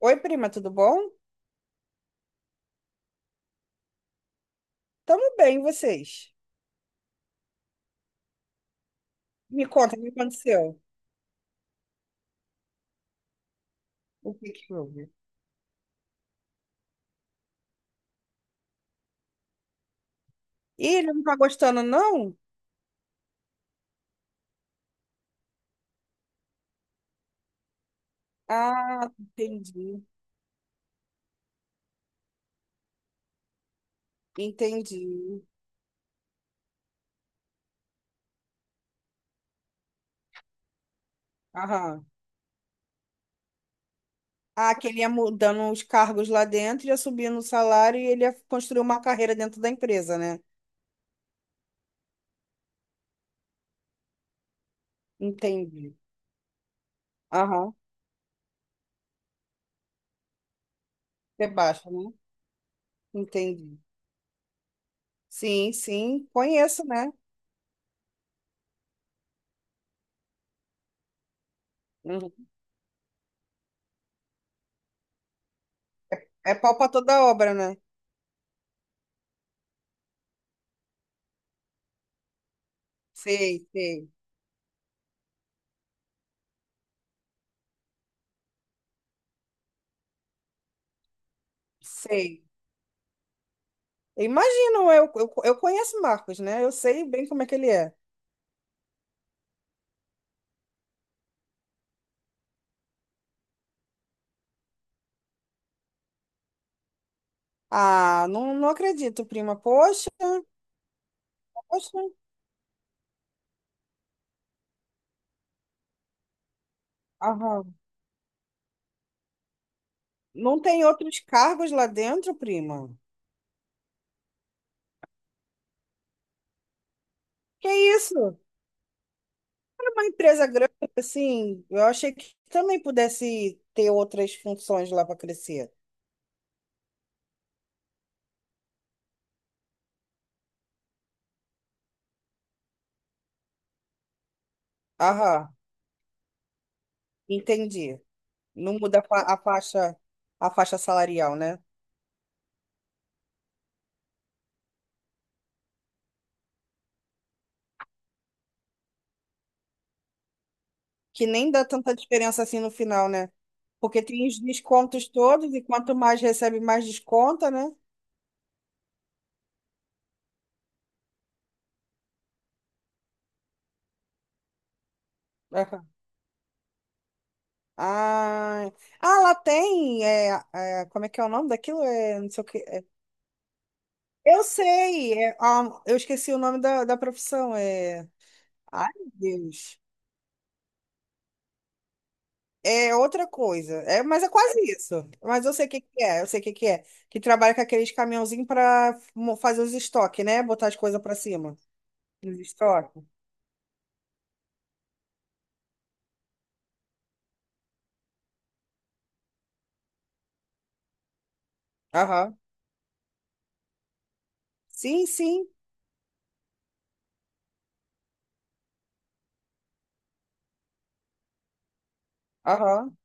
Oi, prima, tudo bom? Tamo bem, e vocês? Me conta, o que aconteceu? O que que houve? Ih, ele não tá gostando, não? Ah, entendi. Aham. Ah, que ele ia mudando os cargos lá dentro, ia subindo o salário e ele ia construir uma carreira dentro da empresa, né? Entendi. Aham. Você baixa, né? Entendi. Sim, conheço, né? Uhum. É pau pra toda obra, né? Sei, sei, sei. Eu imagino, eu conheço o Marcos, né? Eu sei bem como é que ele é. Ah, não, não acredito, prima. Poxa. Aham. Não tem outros cargos lá dentro, prima? Que isso? Era uma empresa grande, assim, eu achei que também pudesse ter outras funções lá para crescer. Aham, entendi. Não muda a faixa, a faixa salarial, né? Que nem dá tanta diferença assim no final, né? Porque tem os descontos todos, e quanto mais recebe, mais desconta, né? Aham. Ah, ah, lá tem. É, como é que é o nome daquilo? É, não sei o que. Eu sei. Eu esqueci o nome da profissão. Ai, meu Deus. É outra coisa. É, mas é quase isso. Eu sei o que que é. Que trabalha com aqueles caminhãozinhos para fazer os estoques, né? Botar as coisas para cima. Os estoques. Aham. Sim. Aham.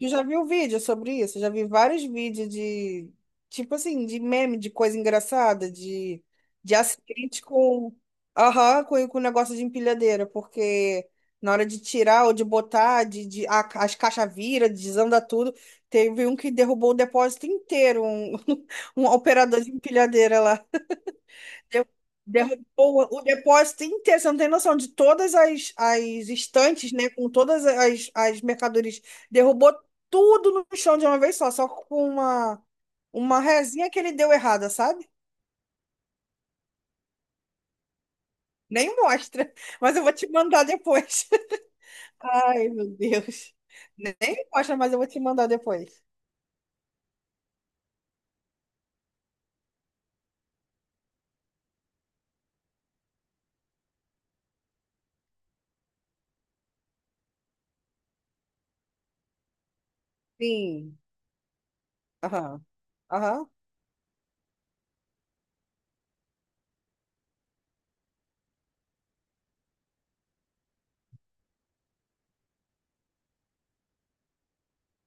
Eu já vi um vídeo sobre isso, já vi vários vídeos de tipo assim, de meme, de coisa engraçada, de acidente com, aham, com negócio de empilhadeira, porque na hora de tirar ou de botar, as caixas viram, desanda tudo. Teve um que derrubou o depósito inteiro, um, um operador de empilhadeira lá deu derrubou o depósito inteiro. Você não tem noção de todas as estantes, né? Com todas as mercadorias. Derrubou tudo no chão de uma vez só, só com uma rezinha que ele deu errada, sabe? Nem mostra, mas eu vou te mandar depois. Ai, meu Deus. Nem mostra, mas eu vou te mandar depois. Sim. Aham. Aham.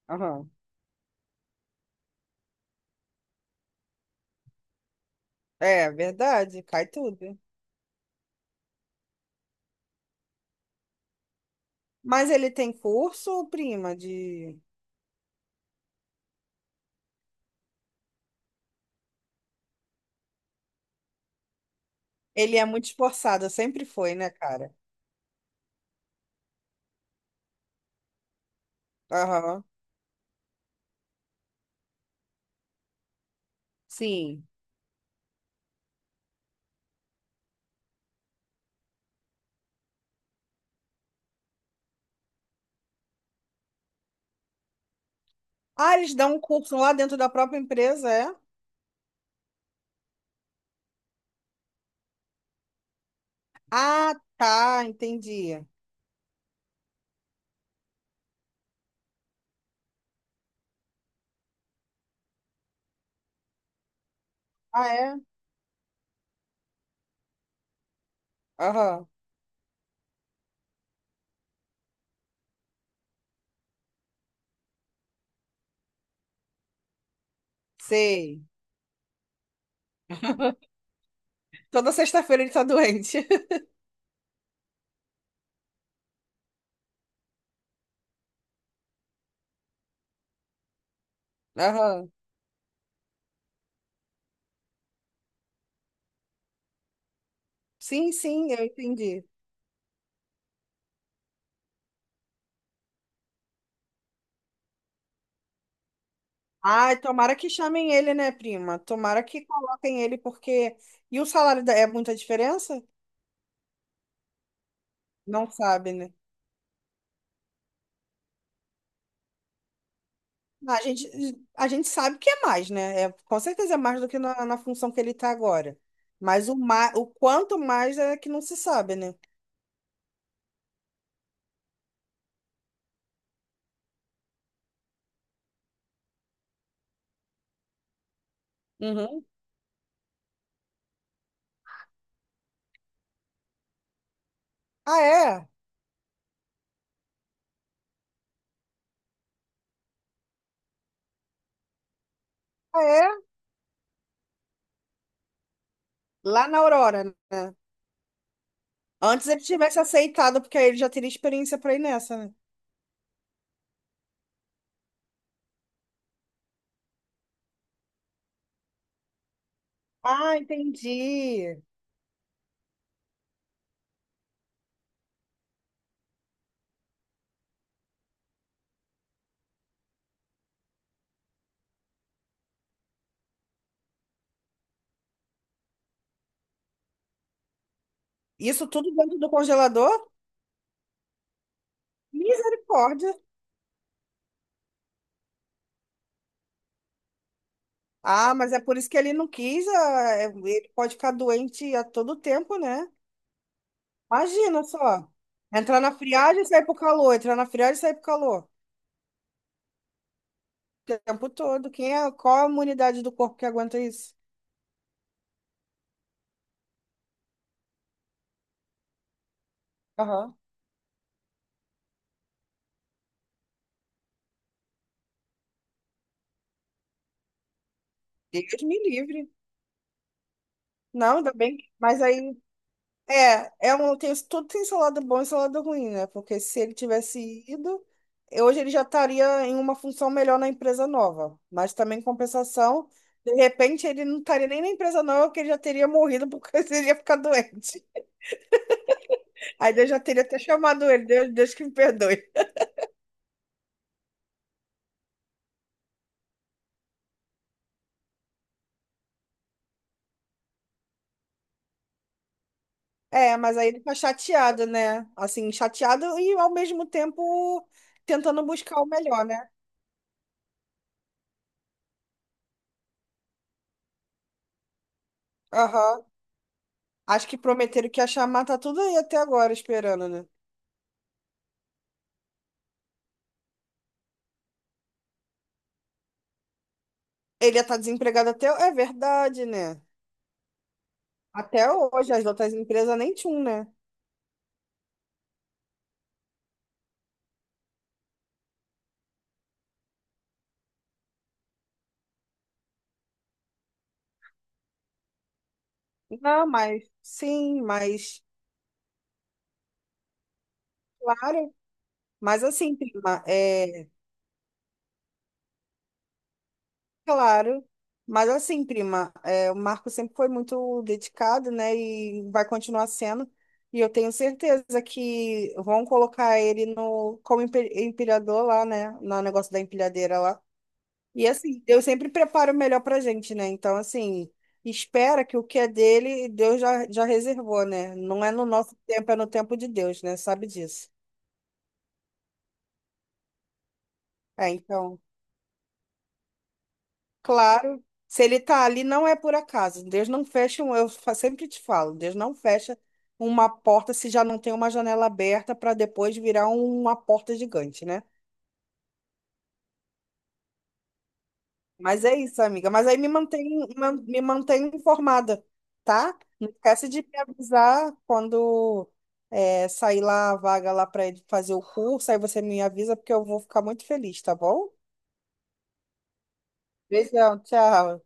Aham. É verdade, cai tudo. Mas ele tem curso, prima, de. Ele é muito esforçado, sempre foi, né, cara? Aham. Sim. Ah, eles dão um curso lá dentro da própria empresa, é? Ah, tá, entendi. Ah, é? Aham. Sei. Toda sexta-feira ele tá doente. Aham. Sim, eu entendi. Ai, tomara que chamem ele, né, prima? Tomara que coloquem ele, porque. E o é muita diferença? Não sabe, né? A gente, a gente sabe que é mais, né? É, com certeza é mais do que na, na função que ele está agora. Mas o quanto mais é que não se sabe, né? Uhum. Ah, é? Ah, é? Lá na Aurora, né? Antes ele tivesse aceitado, porque aí ele já teria experiência para ir nessa, né? Ah, entendi. Isso tudo dentro do congelador? Misericórdia. Ah, mas é por isso que ele não quis. Ele pode ficar doente a todo tempo, né? Imagina só. Entrar na friagem e sair pro calor, entrar na friagem e sair pro calor. O tempo todo. Quem é, qual a imunidade do corpo que aguenta isso? Aham. Deus me livre. Não, ainda bem. Mas aí, é um, tudo tem seu lado bom e seu lado ruim, né? Porque se ele tivesse ido, hoje ele já estaria em uma função melhor na empresa nova. Mas também, em compensação, de repente ele não estaria nem na empresa nova, porque ele já teria morrido porque ele ia ficar doente. Aí Deus já teria até chamado ele. Deus que me perdoe. É, mas aí ele tá chateado, né? Assim, chateado e ao mesmo tempo tentando buscar o melhor, né? Aham. Acho que prometeram que ia chamar, tá tudo aí até agora esperando, né? Ele ia estar desempregado até. É verdade, né? Até hoje, as outras empresas nem tinham, né? Não, mas sim, mas claro. Mas assim, prima, é. Claro, mas assim, prima, é, o Marco sempre foi muito dedicado, né? E vai continuar sendo. E eu tenho certeza que vão colocar ele no como empilhador lá, né? No negócio da empilhadeira lá. E assim, Deus sempre prepara o melhor pra gente, né? Então, assim, espera que o que é dele, Deus já reservou, né? Não é no nosso tempo, é no tempo de Deus, né? Sabe disso. É, então. Claro, se ele está ali, não é por acaso. Deus não fecha, um- eu fa- sempre te falo, Deus não fecha uma porta se já não tem uma janela aberta para depois virar uma porta gigante, né? Mas é isso, amiga. Mas aí me mantém, me mantém informada, tá? Não esquece de me avisar quando sair lá a vaga lá para ele fazer o curso. Aí você me avisa, porque eu vou ficar muito feliz, tá bom? Beijão, tchau.